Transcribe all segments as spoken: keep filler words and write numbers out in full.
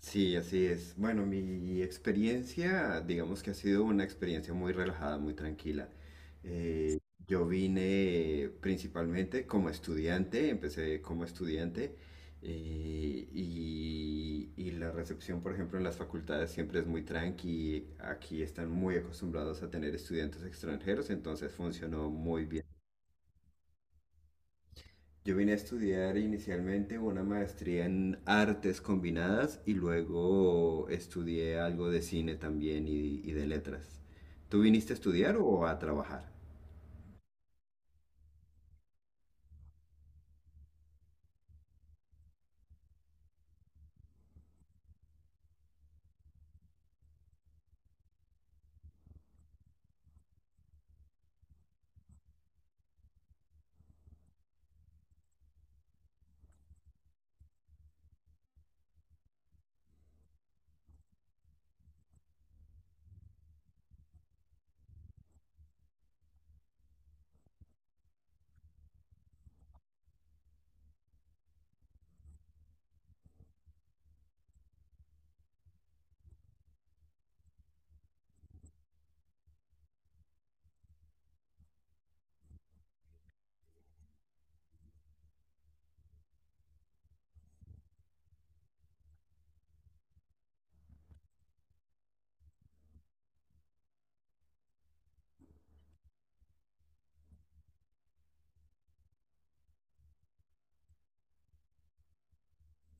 Sí, así es. Bueno, mi experiencia, digamos que ha sido una experiencia muy relajada, muy tranquila. Eh, yo vine principalmente como estudiante, empecé como estudiante eh, y, y la recepción, por ejemplo, en las facultades siempre es muy tranqui. Aquí están muy acostumbrados a tener estudiantes extranjeros, entonces funcionó muy bien. Yo vine a estudiar inicialmente una maestría en artes combinadas y luego estudié algo de cine también y, y de letras. ¿Tú viniste a estudiar o a trabajar?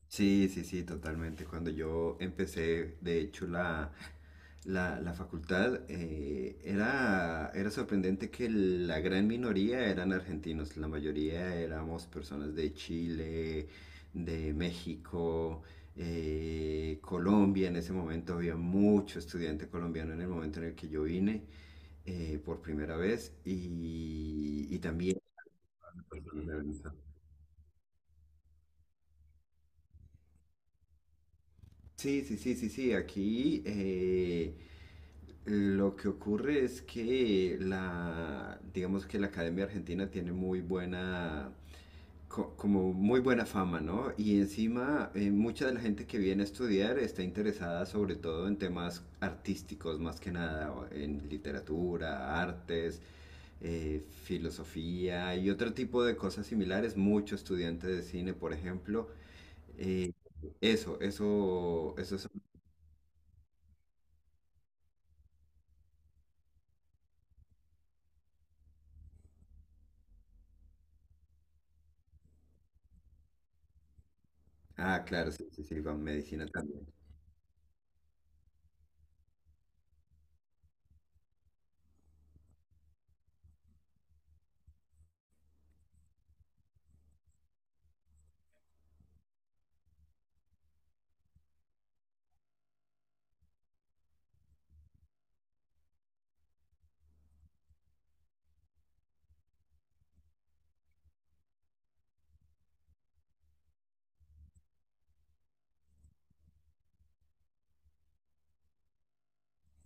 Sí, sí, sí, totalmente. Cuando yo empecé, de hecho, la, la, la facultad, eh, era, era sorprendente que la gran minoría eran argentinos, la mayoría éramos personas de Chile, de México, eh, Colombia. En ese momento había mucho estudiante colombiano en el momento en el que yo vine eh, por primera vez y, y también personas de Venezuela. Sí, sí, sí, sí, sí, aquí... eh, lo que ocurre es que la, digamos que la Academia Argentina tiene muy buena, co- como muy buena fama, ¿no? Y encima, eh, mucha de la gente que viene a estudiar está interesada sobre todo en temas artísticos, más que nada, o en literatura, artes, eh, filosofía y otro tipo de cosas similares. Mucho estudiante de cine, por ejemplo. eh, eso, eso, eso es... Ah, claro, sí, sí, sí, con medicina también.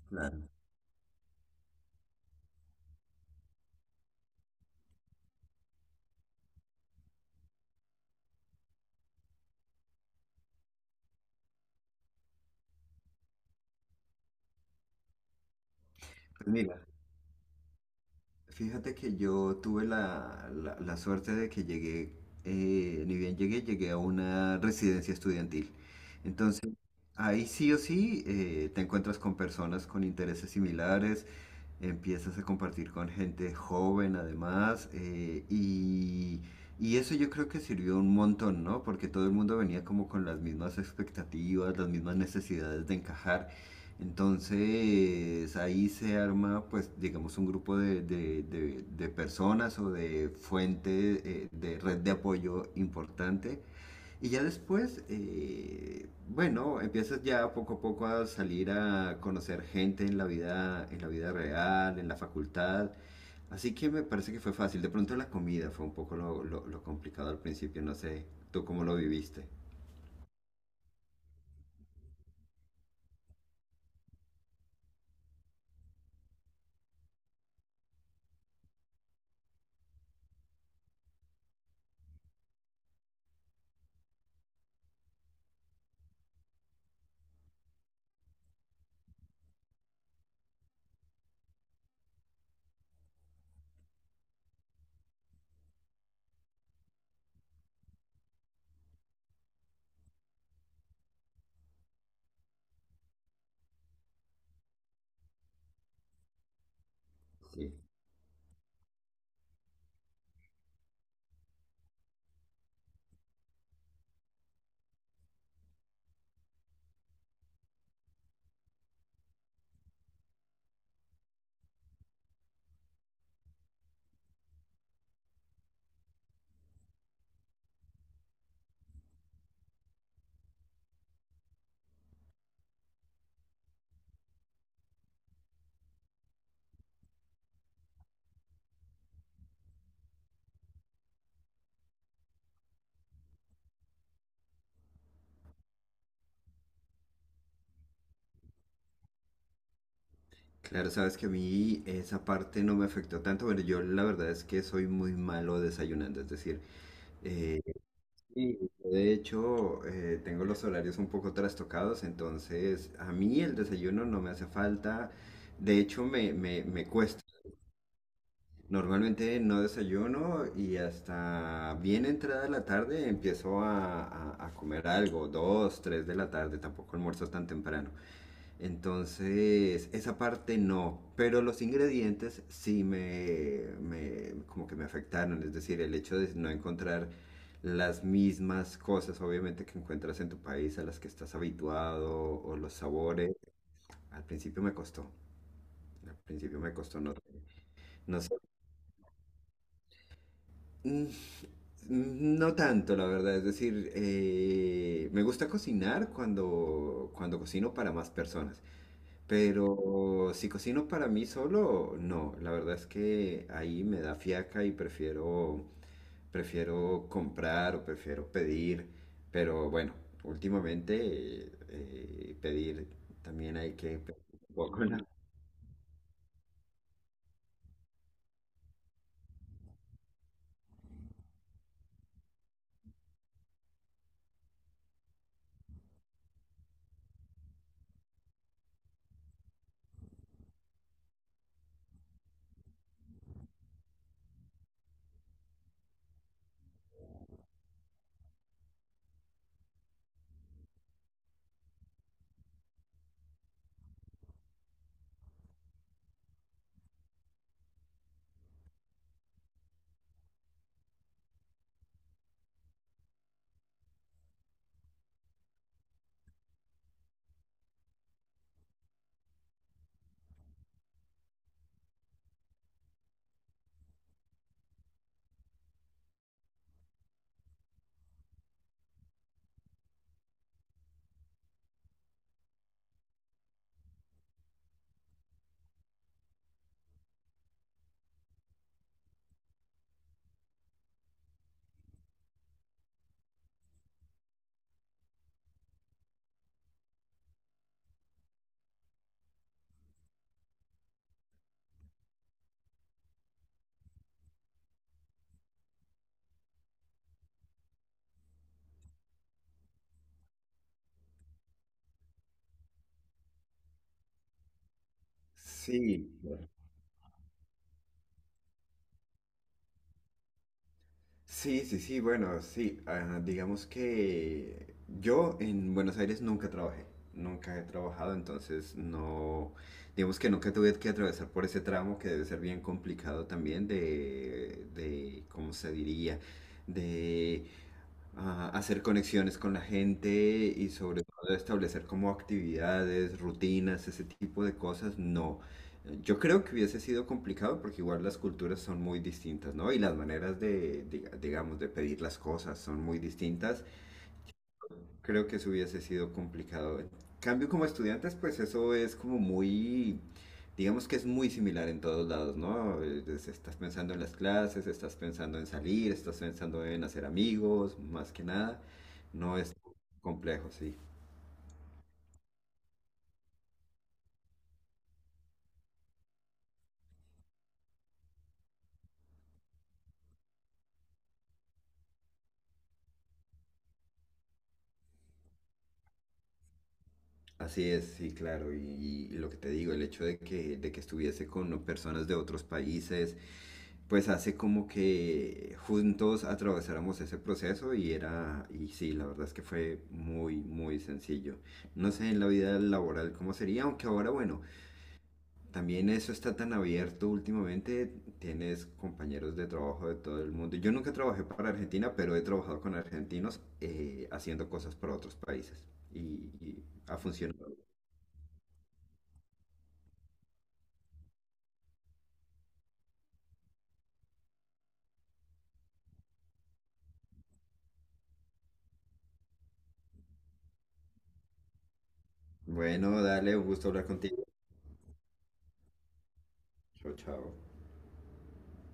Claro. Pues mira, fíjate que yo tuve la, la- la suerte de que llegué, eh, ni bien llegué, llegué a una residencia estudiantil. Entonces, ahí sí o sí eh, te encuentras con personas con intereses similares, empiezas a compartir con gente joven además, eh, y, y eso yo creo que sirvió un montón, ¿no? Porque todo el mundo venía como con las mismas expectativas, las mismas necesidades de encajar. Entonces ahí se arma, pues, digamos, un grupo de, de- de- de personas o de fuente, eh, de red de apoyo importante. Y ya después, eh, bueno, empiezas ya poco a poco a salir a conocer gente en la vida, en la vida real, en la facultad. Así que me parece que fue fácil. De pronto la comida fue un poco lo, lo- lo complicado al principio. No sé, ¿tú cómo lo viviste? Claro, sabes que a mí esa parte no me afectó tanto, pero yo la verdad es que soy muy malo desayunando, es decir, eh, sí, de hecho eh, tengo los horarios un poco trastocados, entonces a mí el desayuno no me hace falta, de hecho me, me, me cuesta. Normalmente no desayuno y hasta bien entrada la tarde empiezo a, a a comer algo, dos, tres de la tarde, tampoco almuerzo tan temprano. Entonces, esa parte no, pero los ingredientes sí me, me- como que me afectaron, es decir, el hecho de no encontrar las mismas cosas, obviamente, que encuentras en tu país, a las que estás habituado, o los sabores, al principio me costó, al principio me costó, no, no sé, Mm, mm, no tanto, la verdad, es decir, eh, me gusta cocinar cuando, cuando cocino para más personas. Pero si cocino para mí solo, no. La verdad es que ahí me da fiaca y prefiero, prefiero comprar o prefiero pedir. Pero bueno, últimamente eh, eh, pedir también hay que pedir un poco, ¿no? Sí, sí, sí, sí, bueno, sí. Ah, digamos que yo en Buenos Aires nunca trabajé, nunca he trabajado, entonces no, digamos que nunca tuve que atravesar por ese tramo que debe ser bien complicado también de, de, ¿cómo se diría? De a hacer conexiones con la gente y sobre todo establecer como actividades, rutinas, ese tipo de cosas, no. Yo creo que hubiese sido complicado porque igual las culturas son muy distintas, ¿no? Y las maneras de, diga- digamos, de pedir las cosas son muy distintas. Creo que eso hubiese sido complicado. En cambio, como estudiantes, pues eso es como muy, digamos que es muy similar en todos lados, ¿no? Es- Estás pensando en las clases, estás pensando en salir, estás pensando en hacer amigos, más que nada. No es complejo, sí. Así es, sí, claro. Y, y lo que te digo, el hecho de que, de que estuviese con personas de otros países, pues hace como que juntos atravesáramos ese proceso y era, y sí, la verdad es que fue muy, muy sencillo. No sé en la vida laboral cómo sería, aunque ahora, bueno, también eso está tan abierto últimamente, tienes compañeros de trabajo de todo el mundo. Yo nunca trabajé para Argentina, pero he trabajado con argentinos eh, haciendo cosas para otros países y, y ha funcionado. Bueno, dale, un gusto hablar contigo. Chao, chao.